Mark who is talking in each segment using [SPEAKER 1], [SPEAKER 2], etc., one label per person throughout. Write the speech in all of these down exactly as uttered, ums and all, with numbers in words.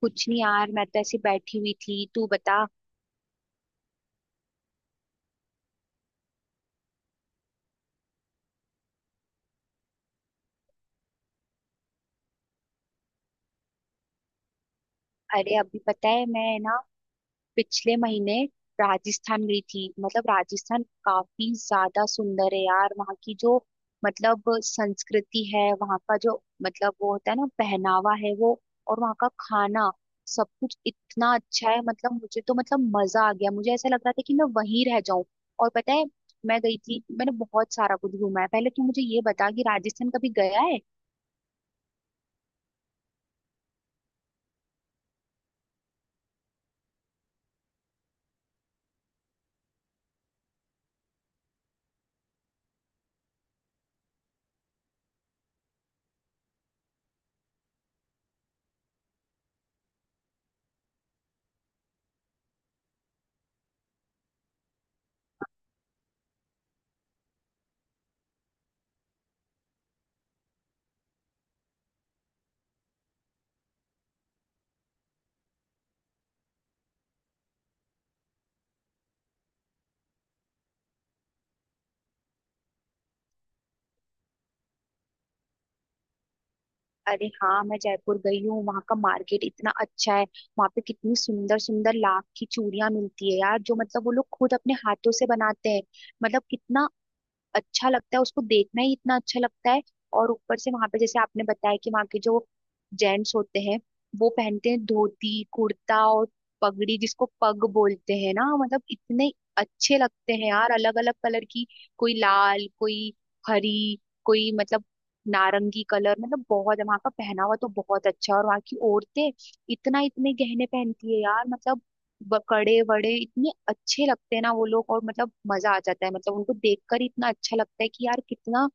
[SPEAKER 1] कुछ नहीं यार, मैं तो ऐसी बैठी हुई थी। तू बता। अरे अभी पता है, मैं ना पिछले महीने राजस्थान गई थी। मतलब राजस्थान काफी ज्यादा सुंदर है यार। वहाँ की जो मतलब संस्कृति है, वहाँ का जो मतलब वो होता है ना पहनावा, है वो। और वहाँ का खाना, सब कुछ इतना अच्छा है। मतलब मुझे तो मतलब मजा आ गया। मुझे ऐसा लग रहा था कि मैं वहीं रह जाऊं। और पता है, मैं गई थी, मैंने बहुत सारा कुछ घूमा है। पहले तू मुझे ये बता कि राजस्थान कभी गया है। अरे हाँ, मैं जयपुर गई हूँ। वहाँ का मार्केट इतना अच्छा है। वहाँ पे कितनी सुंदर सुंदर लाख की चूड़ियां मिलती है यार, जो मतलब वो लोग खुद अपने हाथों से बनाते हैं। मतलब कितना अच्छा लगता है, उसको देखना ही इतना अच्छा लगता है। और ऊपर से वहां पे जैसे आपने बताया कि वहां के जो जेंट्स होते हैं, वो पहनते हैं धोती कुर्ता और पगड़ी, जिसको पग बोलते हैं ना। मतलब इतने अच्छे लगते हैं यार, अलग अलग कलर की। कोई लाल, कोई हरी, कोई मतलब नारंगी कलर। मतलब बहुत वहां का पहनावा तो बहुत अच्छा है। और वहां की औरतें इतना इतने गहने पहनती है यार। मतलब ब- कड़े वड़े इतने अच्छे लगते हैं ना वो लोग। और मतलब मजा आ जाता है, मतलब उनको देखकर ही इतना अच्छा लगता है कि यार कितना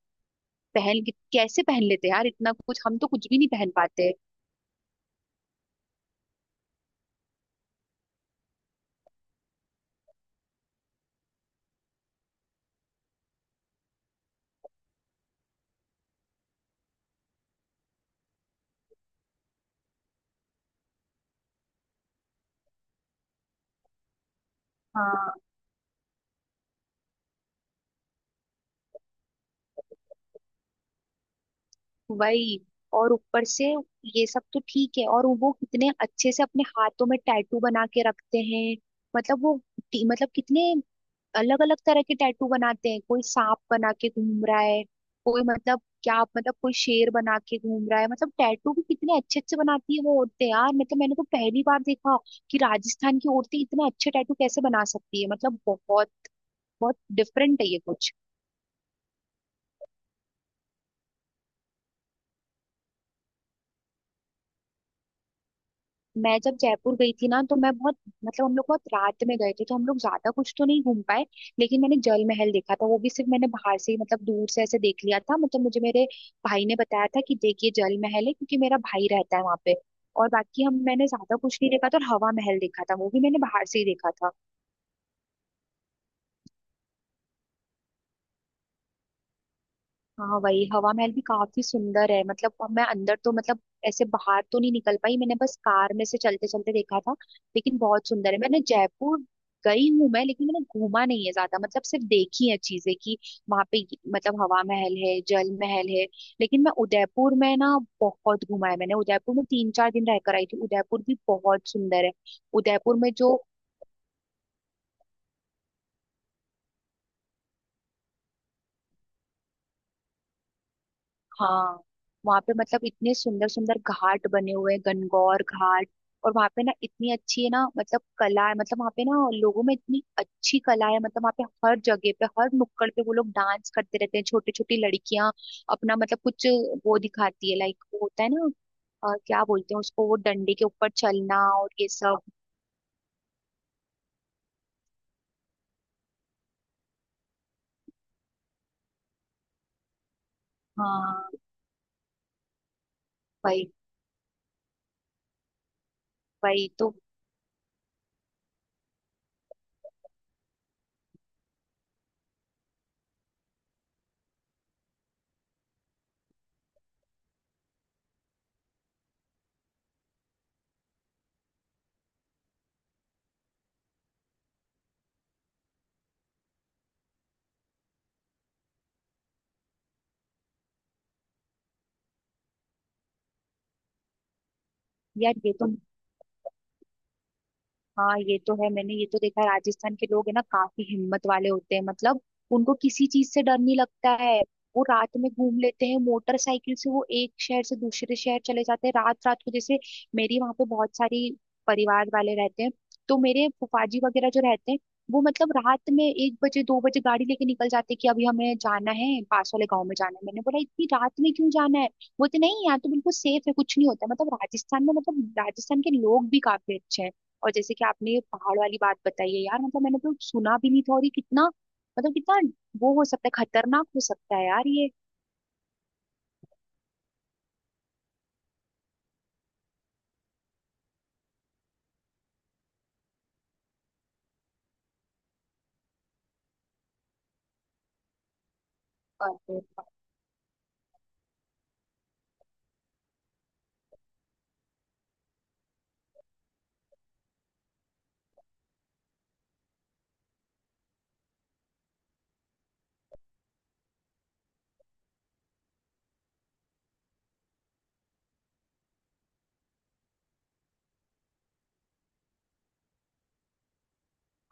[SPEAKER 1] पहन कि- कैसे पहन लेते हैं यार इतना कुछ। हम तो कुछ भी नहीं पहन पाते। हाँ वही। और ऊपर से ये सब तो ठीक है, और वो कितने अच्छे से अपने हाथों में टैटू बना के रखते हैं। मतलब वो टी- मतलब कितने अलग अलग तरह के टैटू बनाते हैं। कोई सांप बना के घूम रहा है, कोई मतलब क्या मतलब कोई शेर बना के घूम रहा है। मतलब टैटू भी कितने अच्छे अच्छे बनाती है वो औरतें यार। मतलब मैंने तो पहली बार देखा कि राजस्थान की औरतें इतने अच्छे टैटू कैसे बना सकती है। मतलब बहुत बहुत डिफरेंट है ये कुछ। मैं जब जयपुर गई थी ना, तो मैं बहुत मतलब हम लोग बहुत रात में गए थे, तो हम लोग ज्यादा कुछ तो नहीं घूम पाए। लेकिन मैंने जल महल देखा था, वो भी सिर्फ मैंने बाहर से ही, मतलब दूर से ऐसे देख लिया था। मतलब मुझे मेरे भाई ने बताया था कि देखिए जल महल है, क्योंकि मेरा भाई रहता है वहां पे। और बाकी हम मैंने ज्यादा कुछ नहीं देखा था, और हवा महल देखा था, वो भी मैंने बाहर से ही देखा था। हाँ वही, हवा महल भी काफी सुंदर है। मतलब अब मैं अंदर तो मतलब ऐसे बाहर तो नहीं निकल पाई। मैंने बस कार में से चलते चलते देखा था। लेकिन बहुत सुंदर है। मैंने जयपुर गई हूँ मैं, लेकिन मैंने घूमा नहीं है ज्यादा। मतलब सिर्फ देखी है चीजें कि वहां पे ये- मतलब हवा महल है, जल महल है। लेकिन मैं उदयपुर में ना बहुत घूमा है मैंने। उदयपुर में तीन चार दिन रहकर आई थी। उदयपुर भी बहुत सुंदर है। उदयपुर में जो हाँ, वहां पे मतलब इतने सुंदर सुंदर घाट बने हुए हैं, गणगौर घाट। और वहां पे ना इतनी अच्छी है ना मतलब कला है। मतलब वहां पे ना लोगों में इतनी अच्छी कला है। मतलब वहां पे हर जगह पे, हर नुक्कड़ पे वो लोग डांस करते रहते हैं। छोटी छोटी लड़कियां अपना मतलब कुछ वो दिखाती है, लाइक वो होता है ना अ, क्या बोलते हैं उसको, वो डंडे के ऊपर चलना और ये सब। हाँ भाई। भाई तो यार ये तो। हाँ ये तो है, मैंने ये तो देखा है। राजस्थान के लोग है ना, काफी हिम्मत वाले होते हैं। मतलब उनको किसी चीज से डर नहीं लगता है। वो रात में घूम लेते हैं मोटरसाइकिल से, वो एक शहर से दूसरे शहर चले जाते हैं रात रात को। जैसे मेरी वहां पे बहुत सारी परिवार वाले रहते हैं, तो मेरे फुफाजी वगैरह जो रहते हैं, वो मतलब रात में एक बजे दो बजे गाड़ी लेके निकल जाते हैं कि अभी हमें जाना है, पास वाले गांव में जाना है। मैंने बोला इतनी रात में क्यों जाना है। बोलते नहीं, यहाँ तो बिल्कुल सेफ है, कुछ नहीं होता। मतलब राजस्थान में मतलब राजस्थान के लोग भी काफी अच्छे हैं। और जैसे कि आपने ये पहाड़ वाली बात बताई है यार, मतलब मैंने तो सुना भी नहीं था। और ये कितना मतलब कितना वो हो सकता है, खतरनाक हो सकता है यार ये। अरे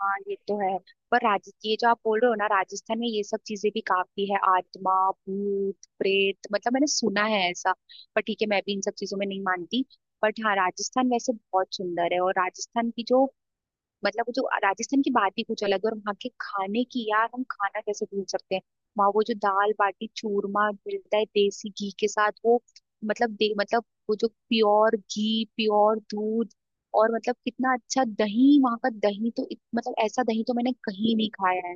[SPEAKER 1] हाँ, ये तो है। पर राज ये जो आप बोल रहे हो ना, राजस्थान में ये सब चीजें भी काफी है, आत्मा भूत प्रेत, मतलब मैंने सुना है ऐसा। पर ठीक है, मैं भी इन सब चीजों में नहीं मानती। बट हाँ, राजस्थान वैसे बहुत सुंदर है। और राजस्थान की जो मतलब वो जो राजस्थान की बात ही कुछ अलग है। और वहाँ के खाने की यार, हम खाना कैसे भूल सकते हैं। वहाँ वो जो दाल बाटी चूरमा मिलता है देसी घी के साथ, वो मतलब दे मतलब वो जो प्योर घी, प्योर दूध, और मतलब कितना अच्छा दही। वहाँ का दही तो इत- मतलब ऐसा दही तो मैंने कहीं नहीं खाया है।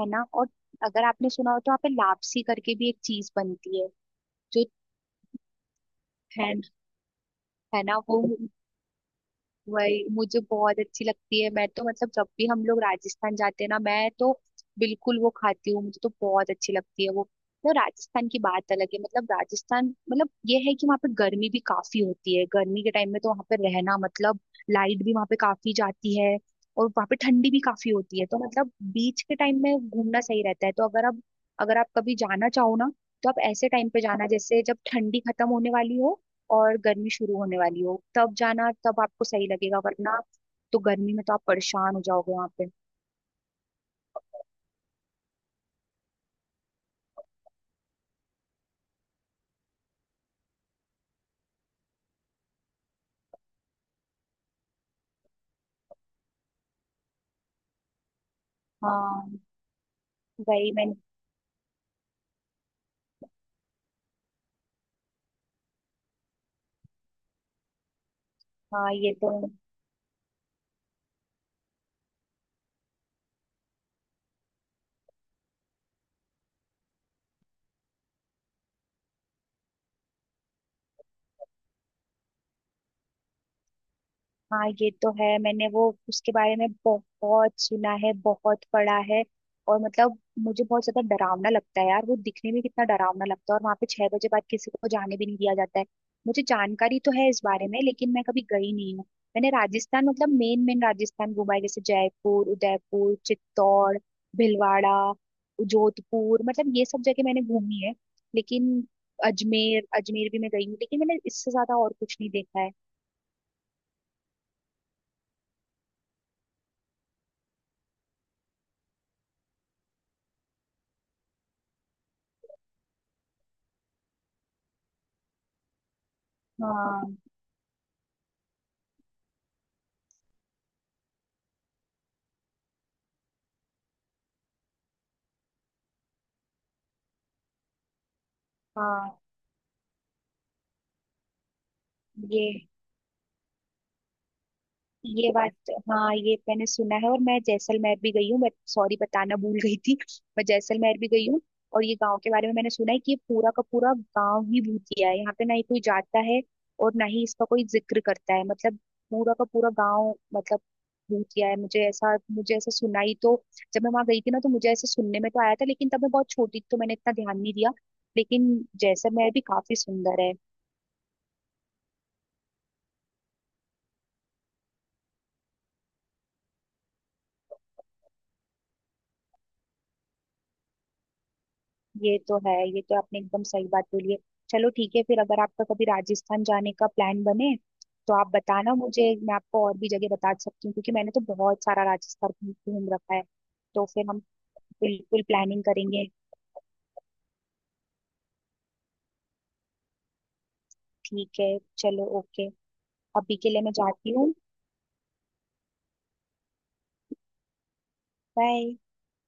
[SPEAKER 1] है ना। और अगर आपने सुना हो तो वहाँ पे लापसी करके भी एक चीज बनती है, जो है। है ना वो, वही मुझे बहुत अच्छी लगती है। मैं तो मतलब जब भी हम लोग राजस्थान जाते हैं ना, मैं तो बिल्कुल वो खाती हूँ, मुझे तो बहुत अच्छी लगती है वो। तो राजस्थान की बात अलग है। मतलब राजस्थान मतलब ये है कि वहाँ पे गर्मी भी काफी होती है। गर्मी के टाइम में तो वहाँ पे रहना मतलब लाइट भी वहाँ पे काफी जाती है। और वहाँ पे ठंडी भी काफी होती है। तो मतलब बीच के टाइम में घूमना सही रहता है। तो अगर आप अगर आप कभी जाना चाहो ना, तो आप ऐसे टाइम पे जाना, जैसे जब ठंडी खत्म होने वाली हो और गर्मी शुरू होने वाली हो, तब जाना, तब आपको सही लगेगा। वरना तो गर्मी में तो आप परेशान हो जाओगे वहां पे। हाँ वही। मैंने हाँ ये तो। हाँ ये तो है, मैंने वो उसके बारे में बहुत सुना है, बहुत पढ़ा है। और मतलब मुझे बहुत ज्यादा डरावना लगता है यार। वो दिखने में कितना डरावना लगता है। और वहां पे छह बजे बाद किसी को जाने भी नहीं दिया जाता है। मुझे जानकारी तो है इस बारे में, लेकिन मैं कभी गई नहीं हूँ। मैंने राजस्थान मतलब मेन मेन राजस्थान घूमा है, जैसे जयपुर, उदयपुर, चित्तौड़, भीलवाड़ा, जोधपुर, मतलब ये सब जगह मैंने घूमी है। लेकिन अजमेर, अजमेर भी मैं गई हूँ, लेकिन मैंने इससे ज्यादा और कुछ नहीं देखा है। हाँ हाँ। ये ये बात तो, हाँ, ये मैंने सुना है। और मैं जैसलमेर भी गई हूँ, बट सॉरी बताना भूल गई थी। मैं जैसलमेर भी गई हूँ। और ये गांव के बारे में मैंने सुना है कि ये पूरा का पूरा गांव ही भूतिया है। यहाँ पे ना ही कोई जाता है और ना ही इसका कोई जिक्र करता है। मतलब पूरा का पूरा गांव मतलब भूतिया है। मुझे ऐसा, मुझे ऐसा सुना ही तो। जब मैं वहां गई थी ना, तो मुझे ऐसा सुनने में तो आया था, लेकिन तब मैं बहुत छोटी थी, तो मैंने इतना ध्यान नहीं दिया। लेकिन जैसलमेर भी काफी सुंदर है। ये तो है, ये तो आपने एकदम सही बात बोली है। चलो ठीक है फिर, अगर आपका कभी राजस्थान जाने का प्लान बने, तो आप बताना मुझे। मैं आपको और भी जगह बता सकती हूँ, क्योंकि मैंने तो बहुत सारा राजस्थान घूम घूम रखा है। तो फिर हम बिल्कुल प्लानिंग करेंगे। ठीक है चलो, ओके। अभी के लिए मैं जाती हूँ। बाय।